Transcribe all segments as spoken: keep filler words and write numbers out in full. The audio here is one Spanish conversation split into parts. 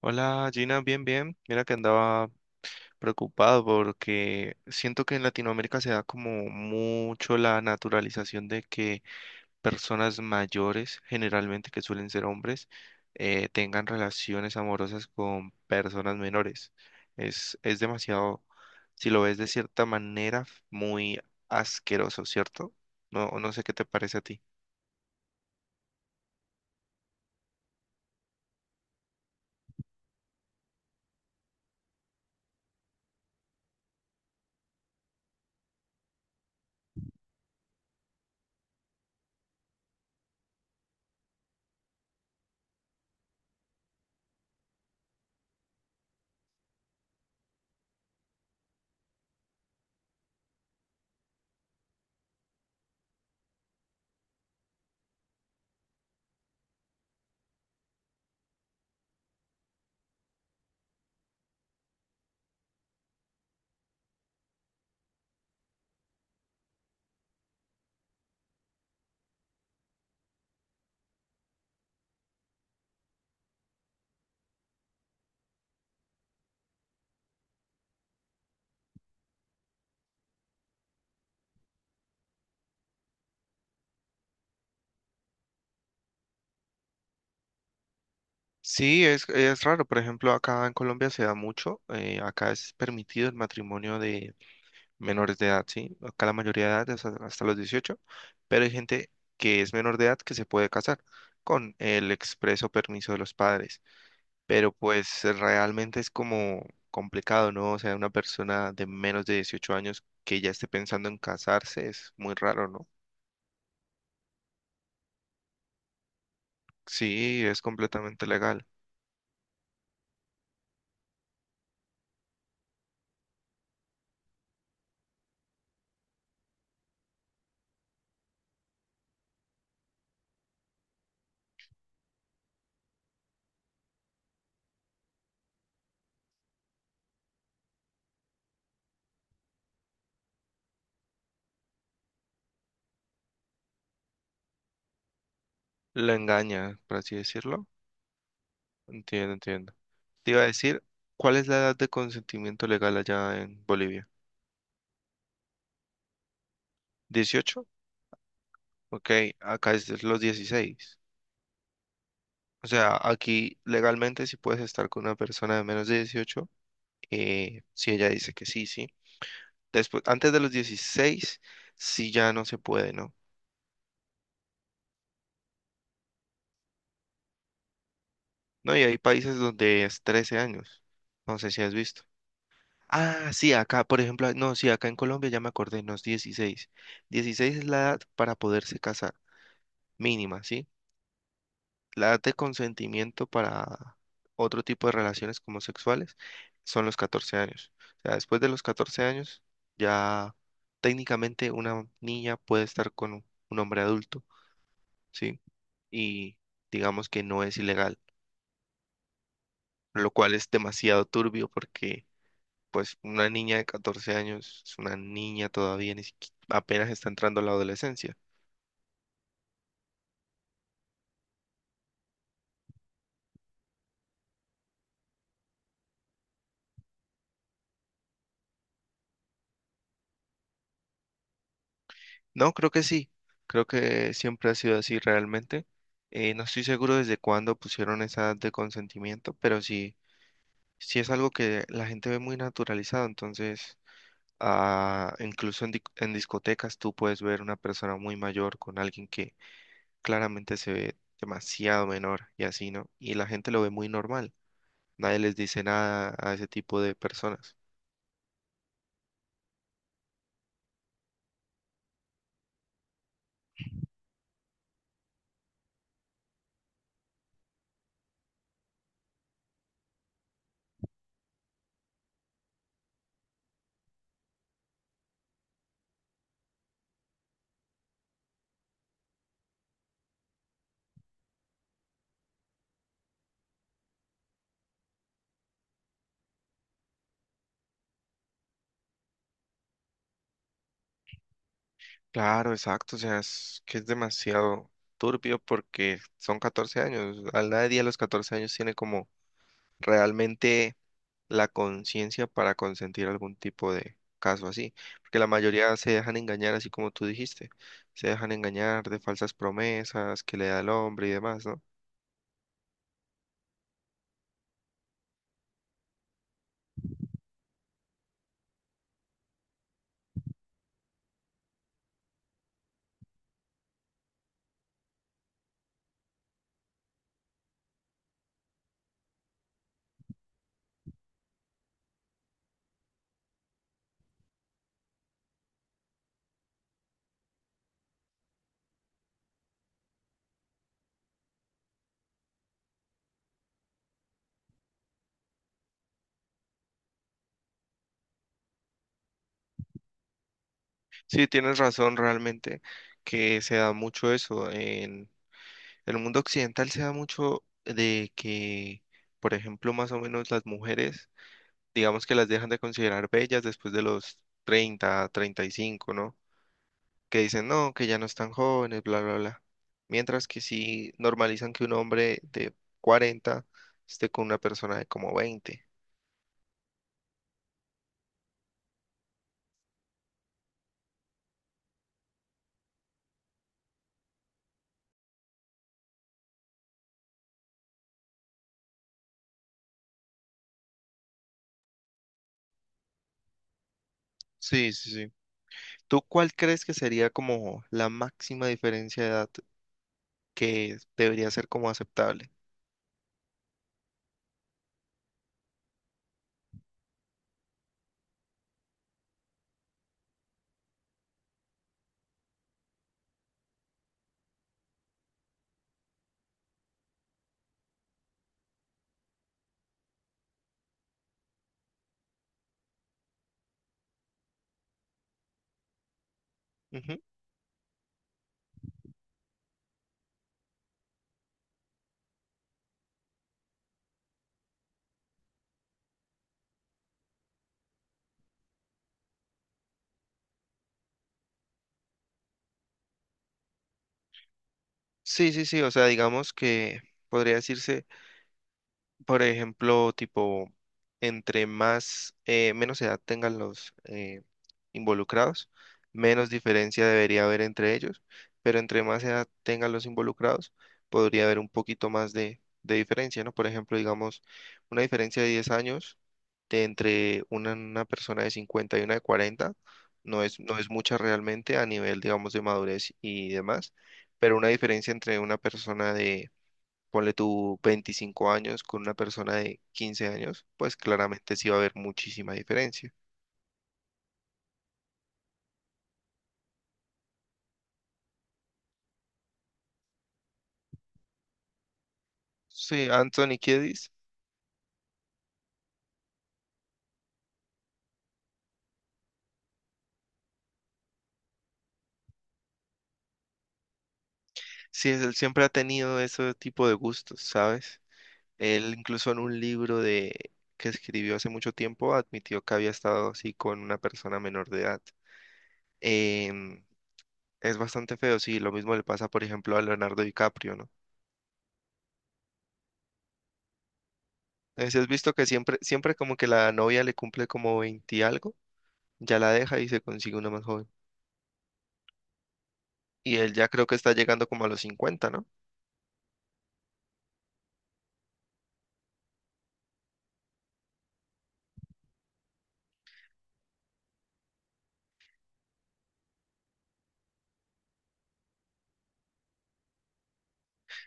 Hola Gina, bien, bien. Mira que andaba preocupado porque siento que en Latinoamérica se da como mucho la naturalización de que personas mayores, generalmente que suelen ser hombres, eh, tengan relaciones amorosas con personas menores. Es, es demasiado, si lo ves de cierta manera, muy asqueroso, ¿cierto? No, no sé qué te parece a ti. Sí, es, es raro. Por ejemplo, acá en Colombia se da mucho. Eh, acá es permitido el matrimonio de menores de edad, sí. Acá la mayoría de edad es hasta hasta los dieciocho, pero hay gente que es menor de edad que se puede casar con el expreso permiso de los padres. Pero pues realmente es como complicado, ¿no? O sea, una persona de menos de dieciocho años que ya esté pensando en casarse es muy raro, ¿no? Sí, es completamente legal. Lo engaña, por así decirlo. Entiendo, entiendo. Te iba a decir, ¿cuál es la edad de consentimiento legal allá en Bolivia? ¿dieciocho? Ok, acá es de los dieciséis. O sea, aquí legalmente sí puedes estar con una persona de menos de dieciocho, eh, si ella dice que sí, sí. Después, antes de los dieciséis, sí ya no se puede, ¿no? No, y hay países donde es trece años. No sé si has visto. Ah, sí, acá, por ejemplo, no, sí, acá en Colombia ya me acordé, no es dieciséis. 16 es la edad para poderse casar, mínima, ¿sí? La edad de consentimiento para otro tipo de relaciones como sexuales son los catorce años. O sea, después de los catorce años, ya técnicamente una niña puede estar con un un hombre adulto, ¿sí? Y digamos que no es ilegal, lo cual es demasiado turbio porque pues una niña de catorce años es una niña todavía, ni siqui- apenas está entrando a la adolescencia. No, creo que sí. Creo que siempre ha sido así realmente. Eh, no estoy seguro desde cuándo pusieron esa edad de consentimiento, pero sí, sí es algo que la gente ve muy naturalizado. Entonces, ah, incluso en, di- en discotecas tú puedes ver una persona muy mayor con alguien que claramente se ve demasiado menor y así, ¿no? Y la gente lo ve muy normal. Nadie les dice nada a ese tipo de personas. Claro, exacto, o sea, es que es demasiado turbio porque son catorce años, a nadie a los catorce años tiene como realmente la conciencia para consentir algún tipo de caso así, porque la mayoría se dejan engañar, así como tú dijiste, se dejan engañar de falsas promesas que le da el hombre y demás, ¿no? Sí, tienes razón realmente que se da mucho eso. En el mundo occidental se da mucho de que, por ejemplo, más o menos las mujeres, digamos que las dejan de considerar bellas después de los treinta, treinta y cinco, ¿no? Que dicen, no, que ya no están jóvenes, bla, bla, bla. Mientras que sí normalizan que un hombre de cuarenta esté con una persona de como veinte. Sí, sí, sí. ¿Tú cuál crees que sería como la máxima diferencia de edad que debería ser como aceptable? Sí, sí, sí, o sea, digamos que podría decirse. Por ejemplo, tipo, entre más, eh, menos edad tengan los eh, involucrados, menos diferencia debería haber entre ellos, pero entre más edad tengan los involucrados, podría haber un poquito más de, de diferencia, ¿no? Por ejemplo, digamos, una diferencia de diez años de entre una, una persona de cincuenta y una de cuarenta no es, no es mucha realmente a nivel, digamos, de madurez y demás, pero una diferencia entre una persona de ponle tú veinticinco años con una persona de quince años, pues claramente sí va a haber muchísima diferencia. Sí, Anthony Kiedis, sí, es- él siempre ha tenido ese tipo de gustos, ¿sabes? Él incluso en un libro de que escribió hace mucho tiempo admitió que había estado así con una persona menor de edad. Em, es bastante feo, sí, lo mismo le pasa, por ejemplo, a Leonardo DiCaprio, ¿no? Eh, Si has visto que siempre, siempre como que la novia le cumple como veinte y algo, ya la deja y se consigue una más joven. Y él ya creo que está llegando como a los cincuenta, ¿no?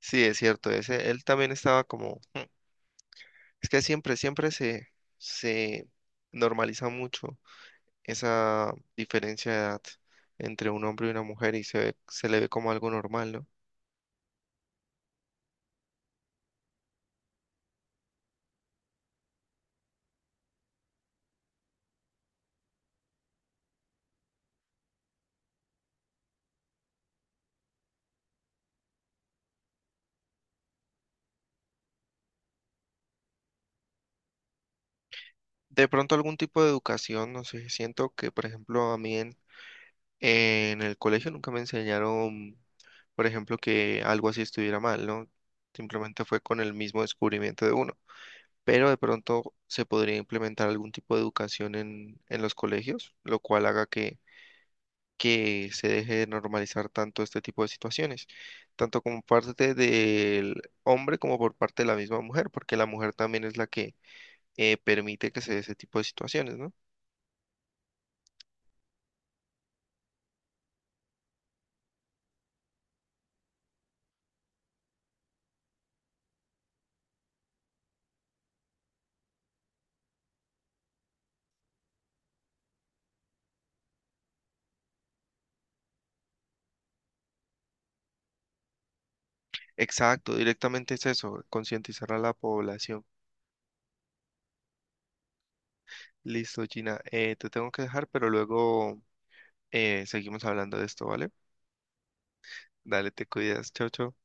Sí, es cierto, ese, él también estaba como, "Hmm". Es que siempre, siempre se, se normaliza mucho esa diferencia de edad entre un hombre y una mujer y se ve- se le ve como algo normal, ¿no? De pronto algún tipo de educación, no sé, siento que, por ejemplo, a mí en, en el colegio nunca me enseñaron, por ejemplo, que algo así estuviera mal, ¿no? Simplemente fue con el mismo descubrimiento de uno. Pero de pronto se podría implementar algún tipo de educación en, en los colegios, lo cual haga que, que se deje de normalizar tanto este tipo de situaciones, tanto como parte del hombre como por parte de la misma mujer, porque la mujer también es la que eh, permite que se dé ese tipo de situaciones, ¿no? Exacto, directamente es eso, concientizar a la población. Listo, Gina, eh, te tengo que dejar, pero luego eh, seguimos hablando de esto, ¿vale? Dale, te cuidas, chao, chao.